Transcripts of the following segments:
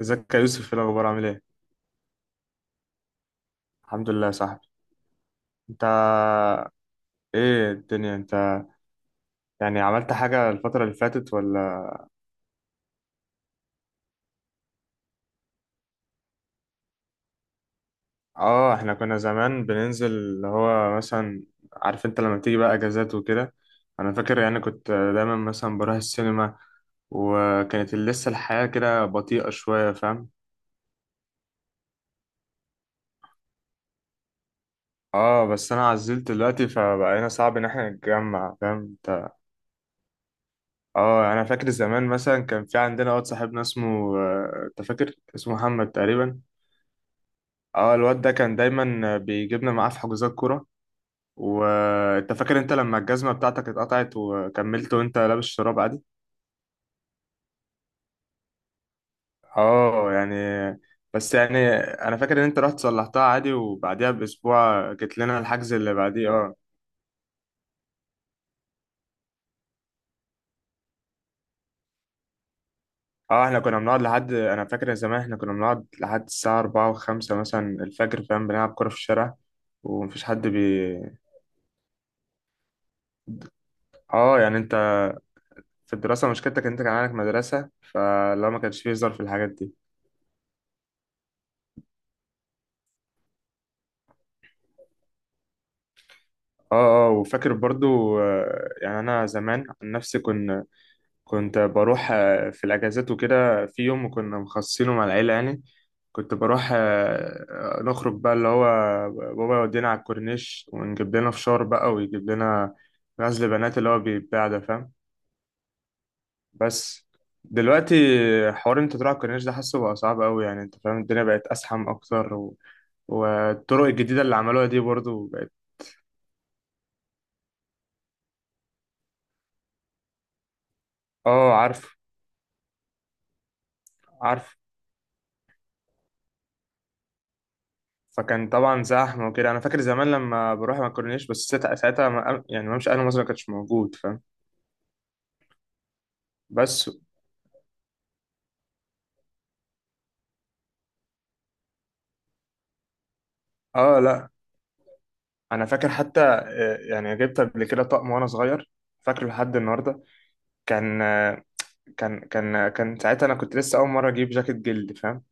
ازيك يا يوسف، ايه الاخبار؟ عامل ايه؟ الحمد لله يا صاحبي. انت، ايه الدنيا انت؟ يعني عملت حاجه الفتره اللي فاتت ولا؟ اه، احنا كنا زمان بننزل اللي هو مثلا، عارف انت لما تيجي بقى اجازات وكده. انا فاكر يعني كنت دايما مثلا بروح السينما، وكانت لسه الحياه كده بطيئه شويه، فاهم؟ اه بس انا عزلت دلوقتي، فبقينا صعب ان احنا نتجمع، فاهم انت؟ اه انا فاكر زمان مثلا كان في عندنا واد صاحبنا اسمه انت فاكر اسمه محمد تقريبا. اه الواد ده كان دايما بيجيبنا معاه في حجوزات كورة. وانت فاكر انت لما الجزمة بتاعتك اتقطعت وكملت وانت لابس شراب عادي؟ اه يعني، بس يعني انا فاكر ان انت رحت صلحتها عادي، وبعديها باسبوع جيت لنا الحجز اللي بعديه. اه، اه احنا كنا بنقعد لحد، انا فاكر زمان احنا كنا بنقعد لحد الساعة 4 و5 مثلا الفجر، فاهم؟ بنلعب كورة في الشارع. ومفيش حد بي اه يعني انت، في الدراسة مشكلتك ان انت كان عندك مدرسة، فلو ما كانش فيه هزار في الحاجات دي. اه اه، وفاكر برضو يعني انا زمان عن نفسي كنت، كنت بروح في الاجازات وكده. في يوم كنا مخصصينه مع العيله يعني، كنت بروح آه، نخرج بقى اللي هو بابا يودينا على الكورنيش ونجيب لنا فشار بقى، ويجيب لنا غزل بنات اللي هو بيتباع ده، فاهم؟ بس دلوقتي، حوار انت تروح على الكورنيش ده حاسه بقى صعب قوي، يعني انت فاهم الدنيا بقت ازحم اكتر و... والطرق الجديده اللي عملوها دي برضو بقت. اه عارف، عارف. فكان طبعا زحمه وكده. انا فاكر زمان لما بروح ما كورنيش، بس ساعتها يعني ممشي اهل مصر ما كانش موجود، فاهم؟ بس، اه لا، انا فاكر حتى يعني جبت قبل كده طقم وانا صغير، فاكره لحد النهارده. كان آه، كان ساعتها انا كنت لسه اول مره اجيب جاكيت جلد، فاهم؟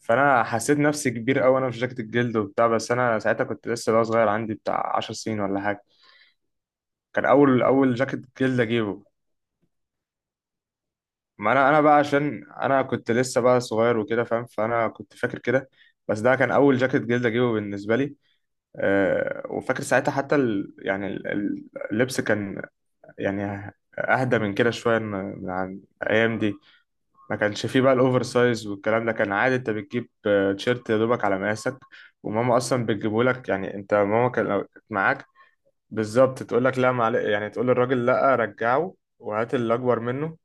فانا حسيت نفسي كبير قوي وانا في جاكيت الجلد وبتاع، بس انا ساعتها كنت لسه بقى صغير، عندي بتاع 10 سنين ولا حاجه. كان اول اول جاكيت جلد اجيبه. ما انا بقى عشان انا كنت لسه بقى صغير وكده، فاهم؟ فانا كنت فاكر كده، بس ده كان اول جاكيت جلد اجيبه بالنسبه لي. أه وفاكر ساعتها حتى ال، يعني اللبس كان يعني اهدى من كده شويه، من عن الايام دي. ما كانش فيه بقى الاوفر سايز والكلام ده. كان عادي انت بتجيب تيشيرت يا دوبك على مقاسك، وماما اصلا بتجيبه لك يعني. انت ماما كان لو كانت معاك، بالظبط تقول لك لا معلش، يعني تقول للراجل لا رجعه وهات اللي اكبر منه.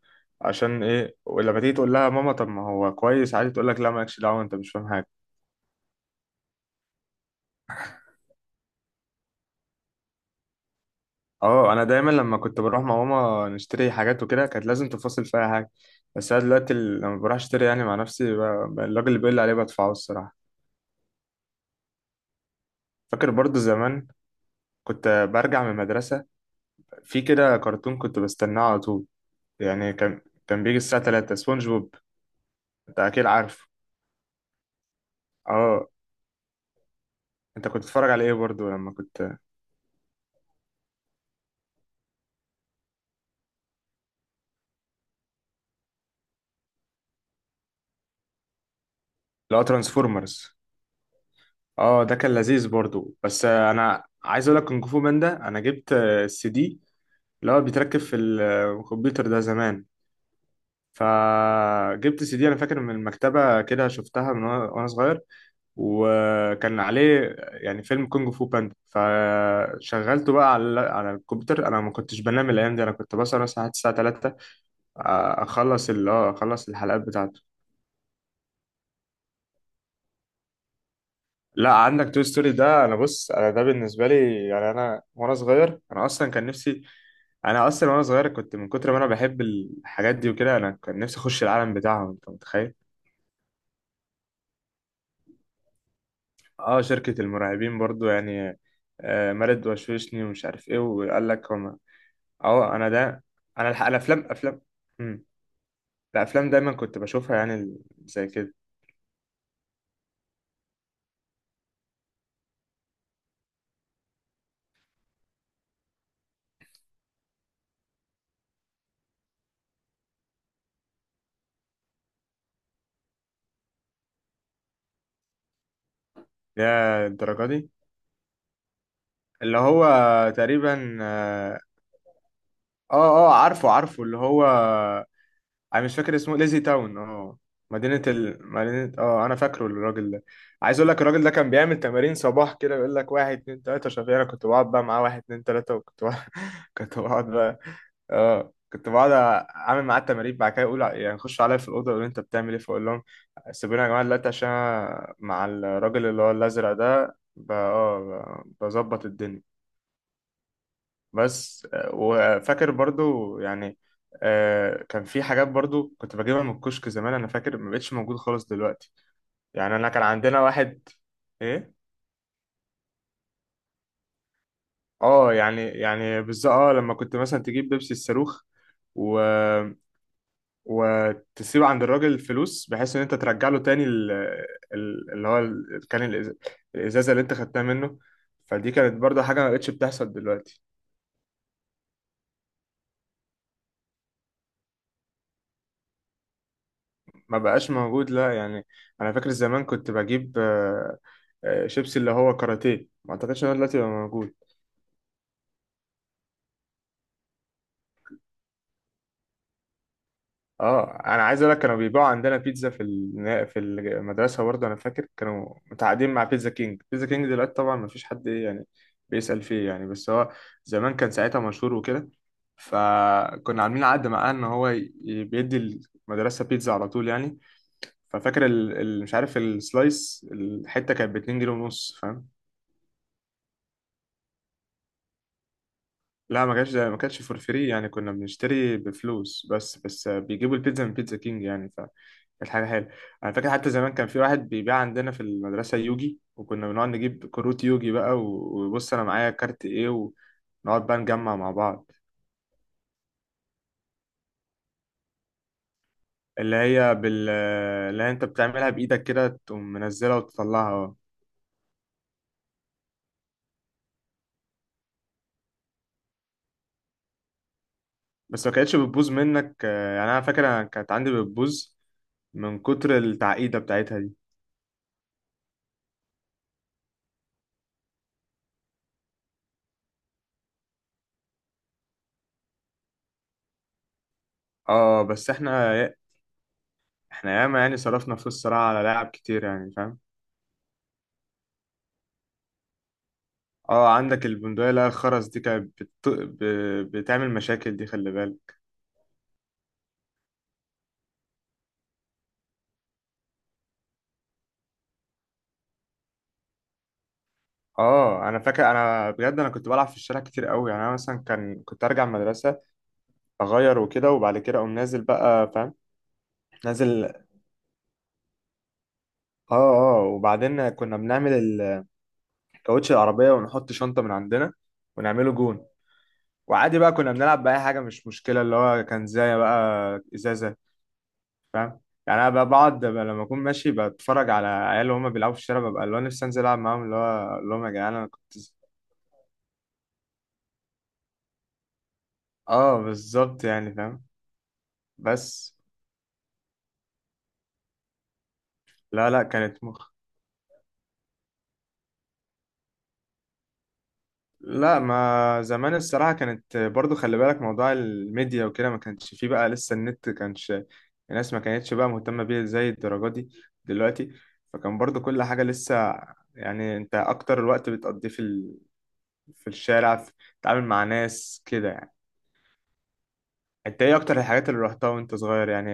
عشان ايه ولما تيجي تقول لها ماما طب ما هو كويس عادي، تقول لك لا مالكش دعوه انت مش فاهم حاجه. اه انا دايما لما كنت بروح مع ماما نشتري حاجات وكده كانت لازم تفاصل فيها حاجه. بس انا دلوقتي لما بروح اشتري يعني مع نفسي الراجل اللي بيقول لي عليه بدفعه، الصراحه. فاكر برضو زمان كنت برجع من المدرسه، في كده كرتون كنت بستناه على طول. يعني كان بيجي الساعه 3 سبونج بوب، انت اكيد عارف. اه، انت كنت بتتفرج على ايه برضو لما كنت؟ لا، ترانسفورمرز، اه ده كان لذيذ برضو. بس انا عايز اقول لك كونغ فو باندا، انا جبت السي دي اللي هو بيتركب في الكمبيوتر ده زمان. فجبت سي دي انا فاكر من المكتبه كده، شفتها من وانا وأنا صغير، وكان عليه يعني فيلم كونغ فو باندا، فشغلته بقى على الكمبيوتر. انا ما كنتش بنام الايام دي، انا كنت بسهر مثلا لحد الساعه 3 اخلص اللي هو اخلص الحلقات بتاعته. لا، عندك توي ستوري ده، انا بص، انا ده بالنسبه لي يعني، انا وانا صغير انا اصلا كان نفسي، انا اصلا وانا صغير كنت من كتر ما انا بحب الحاجات دي وكده انا كان نفسي اخش العالم بتاعهم، انت متخيل؟ اه شركه المرعبين برضو يعني، آه مارد وشوشني ومش عارف ايه وقال لك هم. اه انا ده، انا الافلام، افلام امم الافلام دايما كنت بشوفها، يعني زي كده، يا الدرجه دي، اللي هو تقريبا. اه اه عارفه اللي هو، انا مش فاكر اسمه، ليزي تاون اه. مدينة، اه انا فاكره الراجل ده. عايز اقول لك الراجل ده كان بيعمل تمارين صباح كده، يقول لك واحد اتنين تلاتة، شافيه انا كنت بقعد بقى معاه، واحد اتنين تلاتة، وكنت بقعد... كنت بقعد بقى، اه كنت بقعد اعمل معاه التمارين، بعد كده يقول يعني، يخش عليا في الاوضه يقول انت بتعمل ايه، فاقول لهم سيبوني يا جماعه دلوقتي عشان أنا مع الراجل اللي هو الازرق ده بظبط الدنيا. بس وفاكر برضو يعني كان في حاجات برضو كنت بجيبها من الكشك زمان، انا فاكر ما بقتش موجود خالص دلوقتي. يعني انا كان عندنا واحد، ايه؟ اه يعني بالظبط، اه لما كنت مثلا تجيب بيبسي الصاروخ و... وتسيب عند الراجل الفلوس، بحيث ان انت ترجع له تاني ال... ال- اللي هو ال... كان الإز... الازازه اللي انت خدتها منه. فدي كانت برضو حاجه ما بقتش بتحصل دلوقتي، ما بقاش موجود، لا يعني. انا فاكر زمان كنت بجيب شيبسي اللي هو كاراتيه، ما اعتقدش ان هو دلوقتي بقى موجود. اه انا عايز اقول لك كانوا بيبيعوا عندنا بيتزا في في المدرسه برضه. انا فاكر كانوا متعاقدين مع بيتزا كينج. بيتزا كينج دلوقتي طبعا ما فيش حد، ايه يعني، بيسأل فيه يعني، بس هو زمان كان ساعتها مشهور وكده. فكنا عاملين عقد معاه ان هو بيدي المدرسه بيتزا على طول يعني. ففاكر ال... ال... مش عارف السلايس، الحته كانت ب 2 جنيه ونص. لا ما كانش، ما كانتش فور فري يعني. كنا بنشتري بفلوس، بس بيجيبوا البيتزا من بيتزا كينج يعني، فكانت حاجة حلوة. أنا فاكر حتى زمان كان في واحد بيبيع عندنا في المدرسة يوجي، وكنا بنقعد نجيب كروت يوجي بقى، وبص أنا معايا كارت إيه، ونقعد بقى نجمع مع بعض. اللي هي بال اللي هي أنت بتعملها بإيدك كده، تقوم منزلها وتطلعها. بس ما كانتش بتبوظ منك، يعني أنا فاكر أنا كانت عندي بتبوظ من كتر التعقيدة بتاعتها دي. اه بس احنا، احنا ياما يعني صرفنا فلوس صراحة على لاعب كتير، يعني فاهم؟ اه عندك البندقية اللي هي الخرز دي كانت بت... ب... بتعمل مشاكل دي، خلي بالك. اه انا فاكر انا بجد انا كنت بلعب في الشارع كتير قوي، يعني انا مثلا كان كنت ارجع من المدرسة، اغير وكده وبعد كده اقوم نازل بقى، فاهم؟ نازل، اه اه وبعدين كنا بنعمل كاوتش العربية، ونحط شنطة من عندنا ونعمله جون، وعادي بقى كنا بنلعب بأي حاجة، مش مشكلة اللي هو كان زي بقى ازازة، فاهم؟ يعني انا بقعد لما اكون ماشي بتفرج على عيال وهم بيلعبوا في الشارع، ببقى اللي هو نفسي انزل العب معاهم، اللي هو اقول لهم يا جدعان انا كنت اه بالظبط يعني فاهم. بس لا لا، كانت مخ لا ما زمان الصراحة كانت برضو، خلي بالك موضوع الميديا وكده ما كانش فيه بقى، لسه النت كانش الناس ما كانتش بقى مهتمة بيه زي الدرجة دي دلوقتي. فكان برضو كل حاجة لسه يعني، انت اكتر الوقت بتقضيه في ال... في الشارع، في... تتعامل مع ناس كده يعني. انت ايه اكتر الحاجات اللي رحتها وانت صغير يعني؟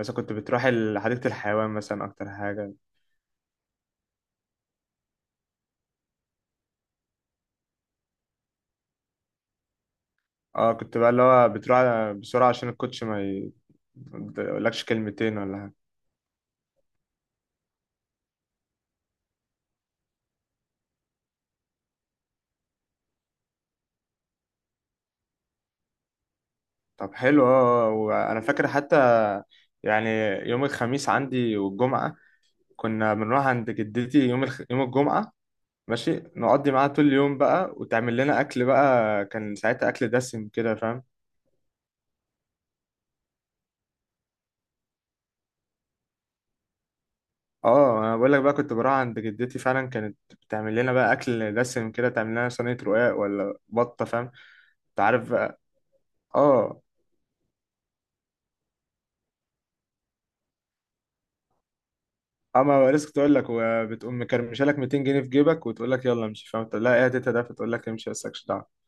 مثلا كنت بتروح حديقة الحيوان مثلا اكتر حاجة؟ اه كنت بقى اللي هو بتروح بسرعة عشان الكوتش ما ما يقولكش كلمتين ولا حاجة. طب حلو اه اه. وانا فاكر حتى يعني يوم الخميس عندي والجمعة، كنا بنروح عند جدتي يوم يوم الجمعة، ماشي، نقضي معاها طول اليوم بقى، وتعمل لنا اكل بقى، كان ساعتها اكل دسم كده فاهم. اه انا بقول لك بقى كنت بروح عند جدتي فعلا، كانت بتعمل لنا بقى اكل دسم كده، تعمل لنا صينيه رقاق ولا بطه، فاهم؟ انت عارف بقى. اه، اما لسه كنت اقول لك، وبتقوم مكرمشه لك 200 جنيه في جيبك وتقول لك يلا امشي، فاهم؟ تقول لها ايه يا تيتا ده، فتقول لك امشي بس مالكش دعوه.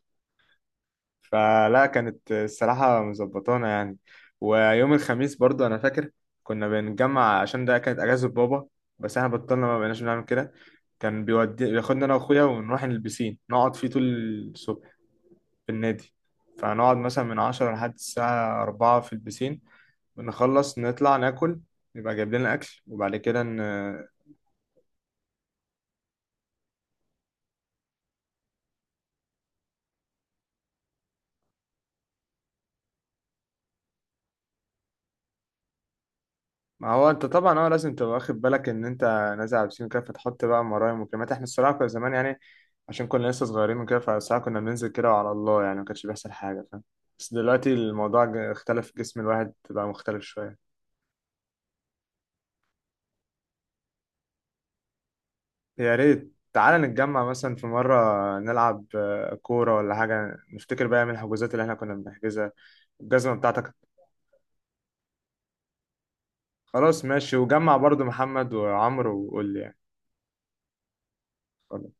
فلا كانت الصراحه مظبطانا يعني. ويوم الخميس برضو انا فاكر كنا بنتجمع عشان ده كانت اجازه بابا، بس احنا بطلنا ما بقيناش بنعمل كده. كان بياخدنا انا واخويا ونروح البسين، نقعد فيه طول الصبح في النادي. فهنقعد مثلا من 10 لحد الساعة أربعة في البسين، بنخلص نطلع ناكل، يبقى جايب لنا أكل، وبعد كده ن... ما هو أنت طبعا هو لازم تبقى واخد بالك إن أنت نازل على البسين كده، فتحط بقى مرايم وكلمات. إحنا الصراحة كنا زمان يعني عشان كنا لسه صغيرين وكده، فالساعة كنا بننزل كده وعلى الله يعني، ما كانش بيحصل حاجة فاهم. بس دلوقتي الموضوع اختلف، جسم الواحد بقى مختلف شوية. يا ريت تعالى نتجمع مثلا في مرة، نلعب كورة ولا حاجة، نفتكر بقى من الحجوزات اللي احنا كنا بنحجزها. الجزمة بتاعتك! خلاص ماشي، وجمع برضو محمد وعمرو وقول لي يعني.